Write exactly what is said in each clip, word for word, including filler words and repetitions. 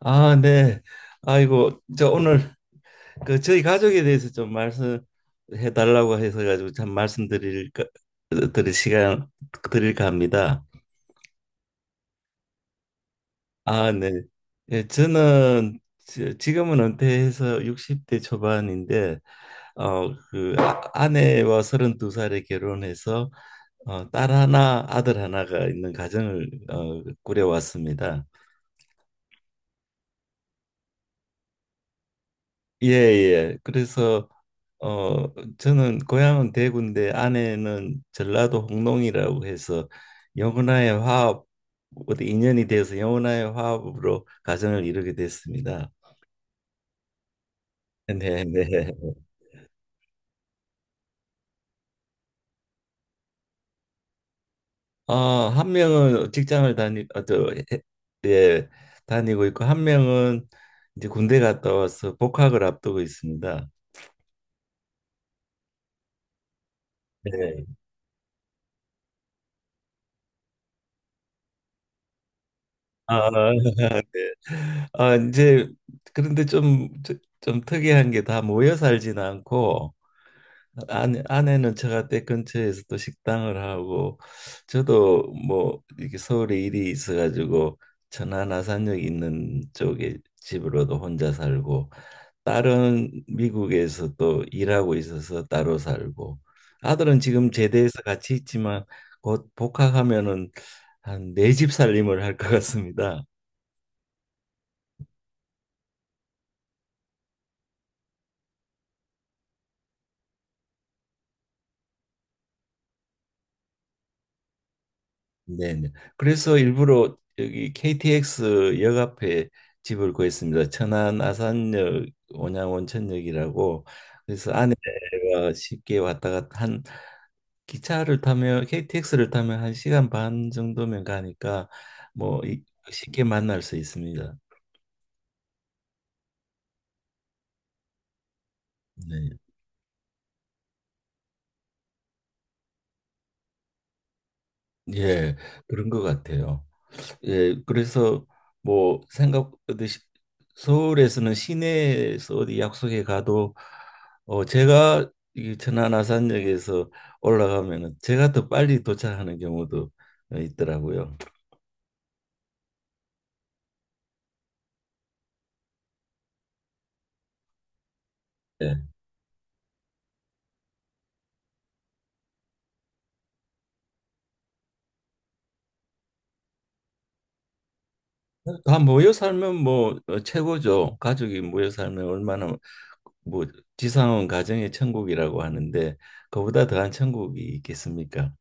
아, 네. 아이고, 저 오늘 그 저희 가족에 대해서 좀 말씀해 달라고 해서 가지고 참 말씀드릴 드릴 시간 드릴까 합니다. 아, 네. 예, 저는 지- 지금은 은퇴해서 육십 대 초반인데 어, 그 아- 아내와 서른두 살에 결혼해서 어, 딸 하나, 아들 하나가 있는 가정을 어, 꾸려왔습니다. 예, 예. 그래서 어 저는 고향은 대구인데 아내는 전라도 홍농이라고 해서 영혼와의 화합 어디 인연이 되어서 영혼와의 화합으로 가정을 이루게 됐습니다. 네, 네. 어, 한 명은 직장을 다니 어, 저, 해- 예, 다니고 있고 한 명은 이제 군대 갔다 와서 복학을 앞두고 있습니다. 네. 아, 네. 아, 이제 그런데 좀 좀 특이한 게 다 모여 살지는 않고 아내, 아내는 처가댁 근처에서 또 식당을 하고 저도 뭐 이렇게 서울에 일이 있어가지고 천안 아산역 있는 쪽에 집으로도 혼자 살고 딸은 미국에서 또 일하고 있어서 따로 살고 아들은 지금 제대해서 같이 있지만 곧 복학하면은 한 네 집 살림을 할 것 같습니다. 네네. 그래서 일부러 여기 케이티엑스 역 앞에 집을 구했습니다. 천안 아산역 온양온천역이라고 그래서 아내가 쉽게 왔다 갔다 한 기차를 타면 케이티엑스를 타면 한 시간 반 정도면 가니까 뭐 이- 쉽게 만날 수 있습니다. 네. 예, 그런 것 같아요. 예, 그래서 뭐 생각듯이 서울에서는 시내에서 어디 약속에 가도 어 제가 이 천안 아산역에서 올라가면은 제가 더 빨리 도착하는 경우도 어, 있더라고요. 예. 다 모여 살면 뭐 어, 최고죠. 가족이 모여 살면 얼마나 뭐 지상은 가정의 천국이라고 하는데 그보다 더한 천국이 있겠습니까?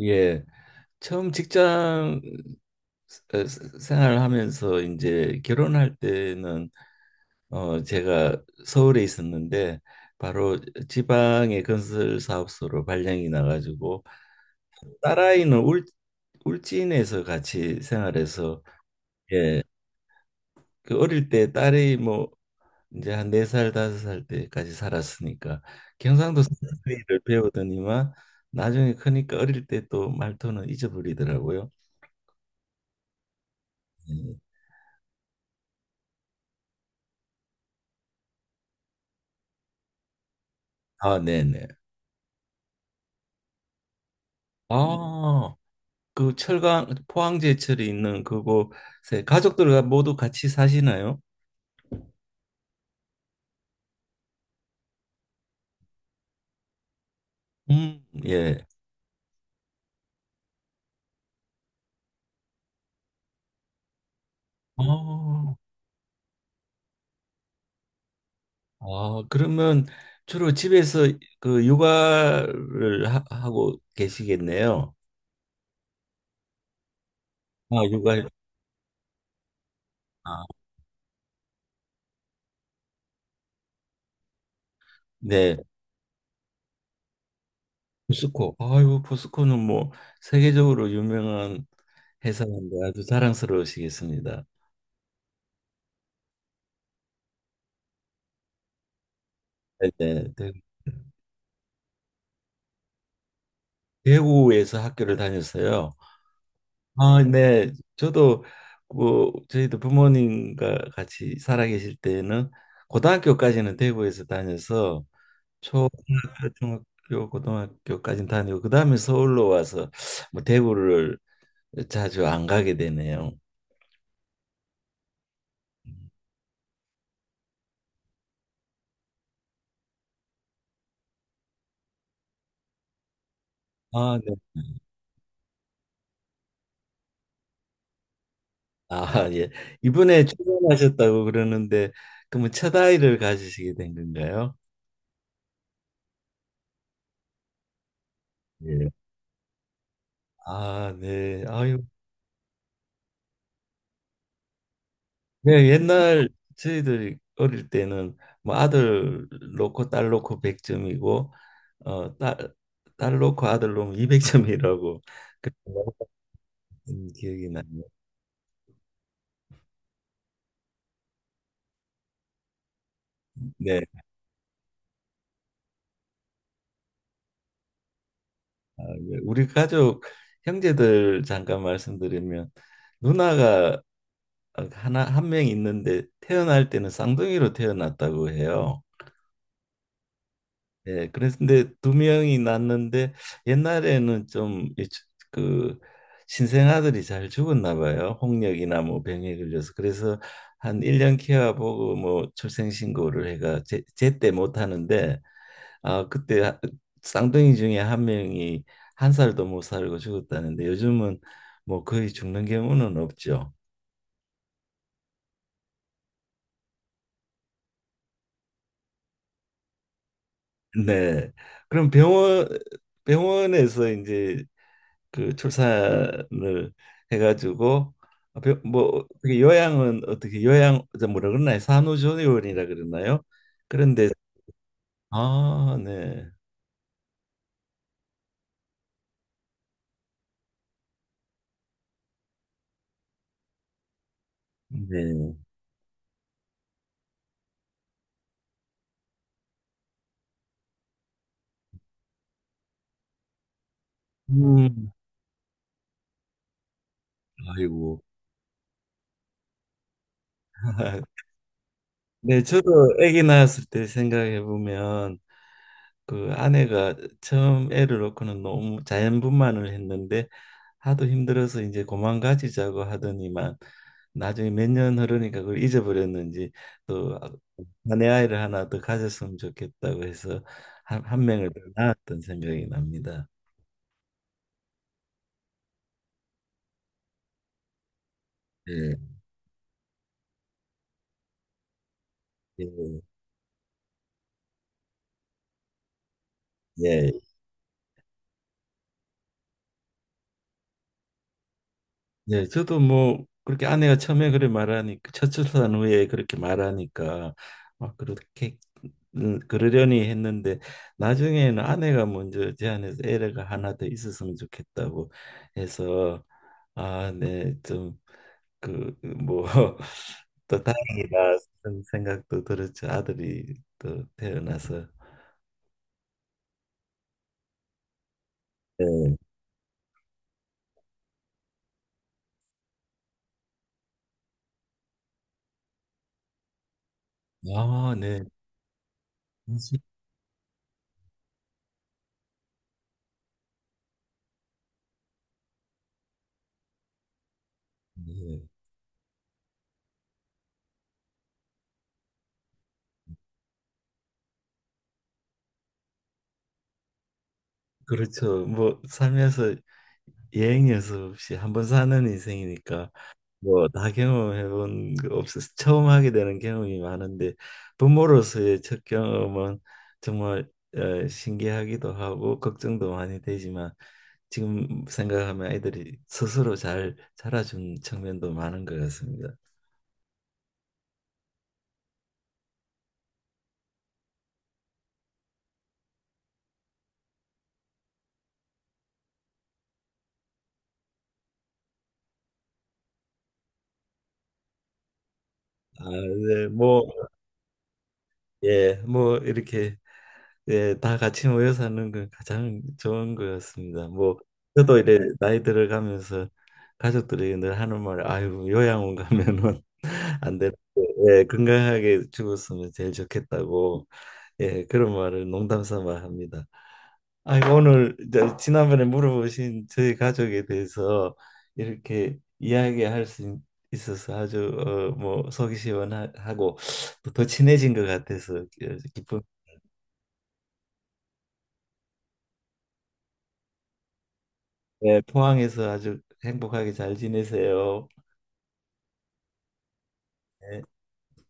예. 처음 직장 어, 생활을 하면서 이제 결혼할 때는 어 제가 서울에 있었는데 바로 지방의 건설 사업소로 발령이 나가지고 딸아이는 울 울진에서 같이 생활해서 예. 그 어릴 때 딸이 뭐 이제 한 네 살 다섯 살 때까지 살았으니까 경상도 사투리를 배우더니만 나중에 크니까 어릴 때 또 말투는 잊어버리더라고요. 예. 아, 네네. 아, 그 철강 포항제철이 있는 그곳에 가족들과 모두 같이 사시나요? 음, 예. 어, 아, 그러면 주로 집에서 그 육아를 하, 고 계시겠네요. 아, 육아. 아, 네. 포스코. 아유, 포스코는 뭐 세계적으로 유명한 회사인데 아주 자랑스러우시겠습니다. 네, 네. 대구에서 학교를 다녔어요. 아, 네. 저도 그 저희도 부모님과 같이 살아 계실 때는 고등학교까지는 대구에서 다녀서 초등학교, 중학교, 고등학교까지는 다니고 그다음에 서울로 와서 뭐 대구를 자주 안 가게 되네요. 아, 네. 아, 예. 이번에 출산하셨다고 그러는데 그러면 첫 아이를 가지시게 된 건가요? 예. 아, 네. 아유, 네, 옛날 저희들이 어릴 때는 뭐 아들 놓고 딸 놓고 백 점이고 어, 딸, 딸 놓고 아들 놓으면 이백 점이라고 그런 기억이 나네요. 네. 아, 예. 우리 가족 형제들 잠깐 말씀드리면 누나가 어, 하나 한 명 있는데 태어날 때는 쌍둥이로 태어났다고 해요. 예, 그래서 근데 두 명이 낳는데 옛날에는 좀그 신생아들이 잘 죽었나 봐요. 홍역이나 뭐 병에 걸려서. 그래서 한 일 년 케어보고 뭐 출생신고를 해가 제, 제때 못 하는데 아 그때 하- 쌍둥이 중에 한 명이 한 살도 못 살고 죽었다는데 요즘은 뭐 거의 죽는 경우는 없죠. 네. 그럼 병원 병원에서 이제 그 출산을 해가지고 병- 뭐 어떻게 요양은 어떻게 요양 저 뭐라 그러나요? 산후조리원이라 그러나요? 그런데 아, 네. 네. 음. 아이고. 네, 저도 아기 낳았을 때 생각해 보면 그 아내가 처음 애를 낳고는 너무 자연분만을 했는데 하도 힘들어서 이제 고만 가지자고 하더니만 나중에 몇 년 흐르니까 그걸 잊어버렸는지 또 아내 아이를 하나 더 가졌으면 좋겠다고 해서 한, 한 명을 더 낳았던 생각이 납니다. 예. 예, 예, 예. 저도 뭐 그렇게 아내가 처음에 그래 말하니까 첫 출산 후에 그렇게 말하니까 막 그렇게 음, 그러려니 했는데 나중에는 아내가 먼저 제안해서 애가 하나 더 있었으면 좋겠다고 해서 아, 네, 좀 그 뭐 또 다행이다 그런 생각도 들었죠. 아들이 또 태어나서 네. 아, 네. 진짜, 네. 그렇죠. 뭐 살면서 예행 연습 없이 한번 사는 인생이니까 뭐 다 경험해본 거 없어서 처음 하게 되는 경험이 많은데 부모로서의 첫 경험은 정말 어, 신기하기도 하고 걱정도 많이 되지만 지금 생각하면 아이들이 스스로 잘 자라준 측면도 많은 것 같습니다. 아, 네, 뭐, 예, 뭐 이렇게 예, 다 같이 모여사는 건 가장 좋은 것 같습니다. 뭐 저도 이래 나이 들어가면서 가족들이 늘 하는 말, 아유 요양원 가면은 안 되는데 예, 건강하게 죽었으면 제일 좋겠다고 예, 그런 말을 농담 삼아 합니다. 아이고 오늘 이제 지난번에 물어보신 저희 가족에 대해서 이렇게 이야기할 수 있- 있어서 아주 어, 뭐 속이 시원하고 또 더 친해진 것 같아서 기쁩니다. 네, 포항에서 아주 행복하게 잘 지내세요. 네.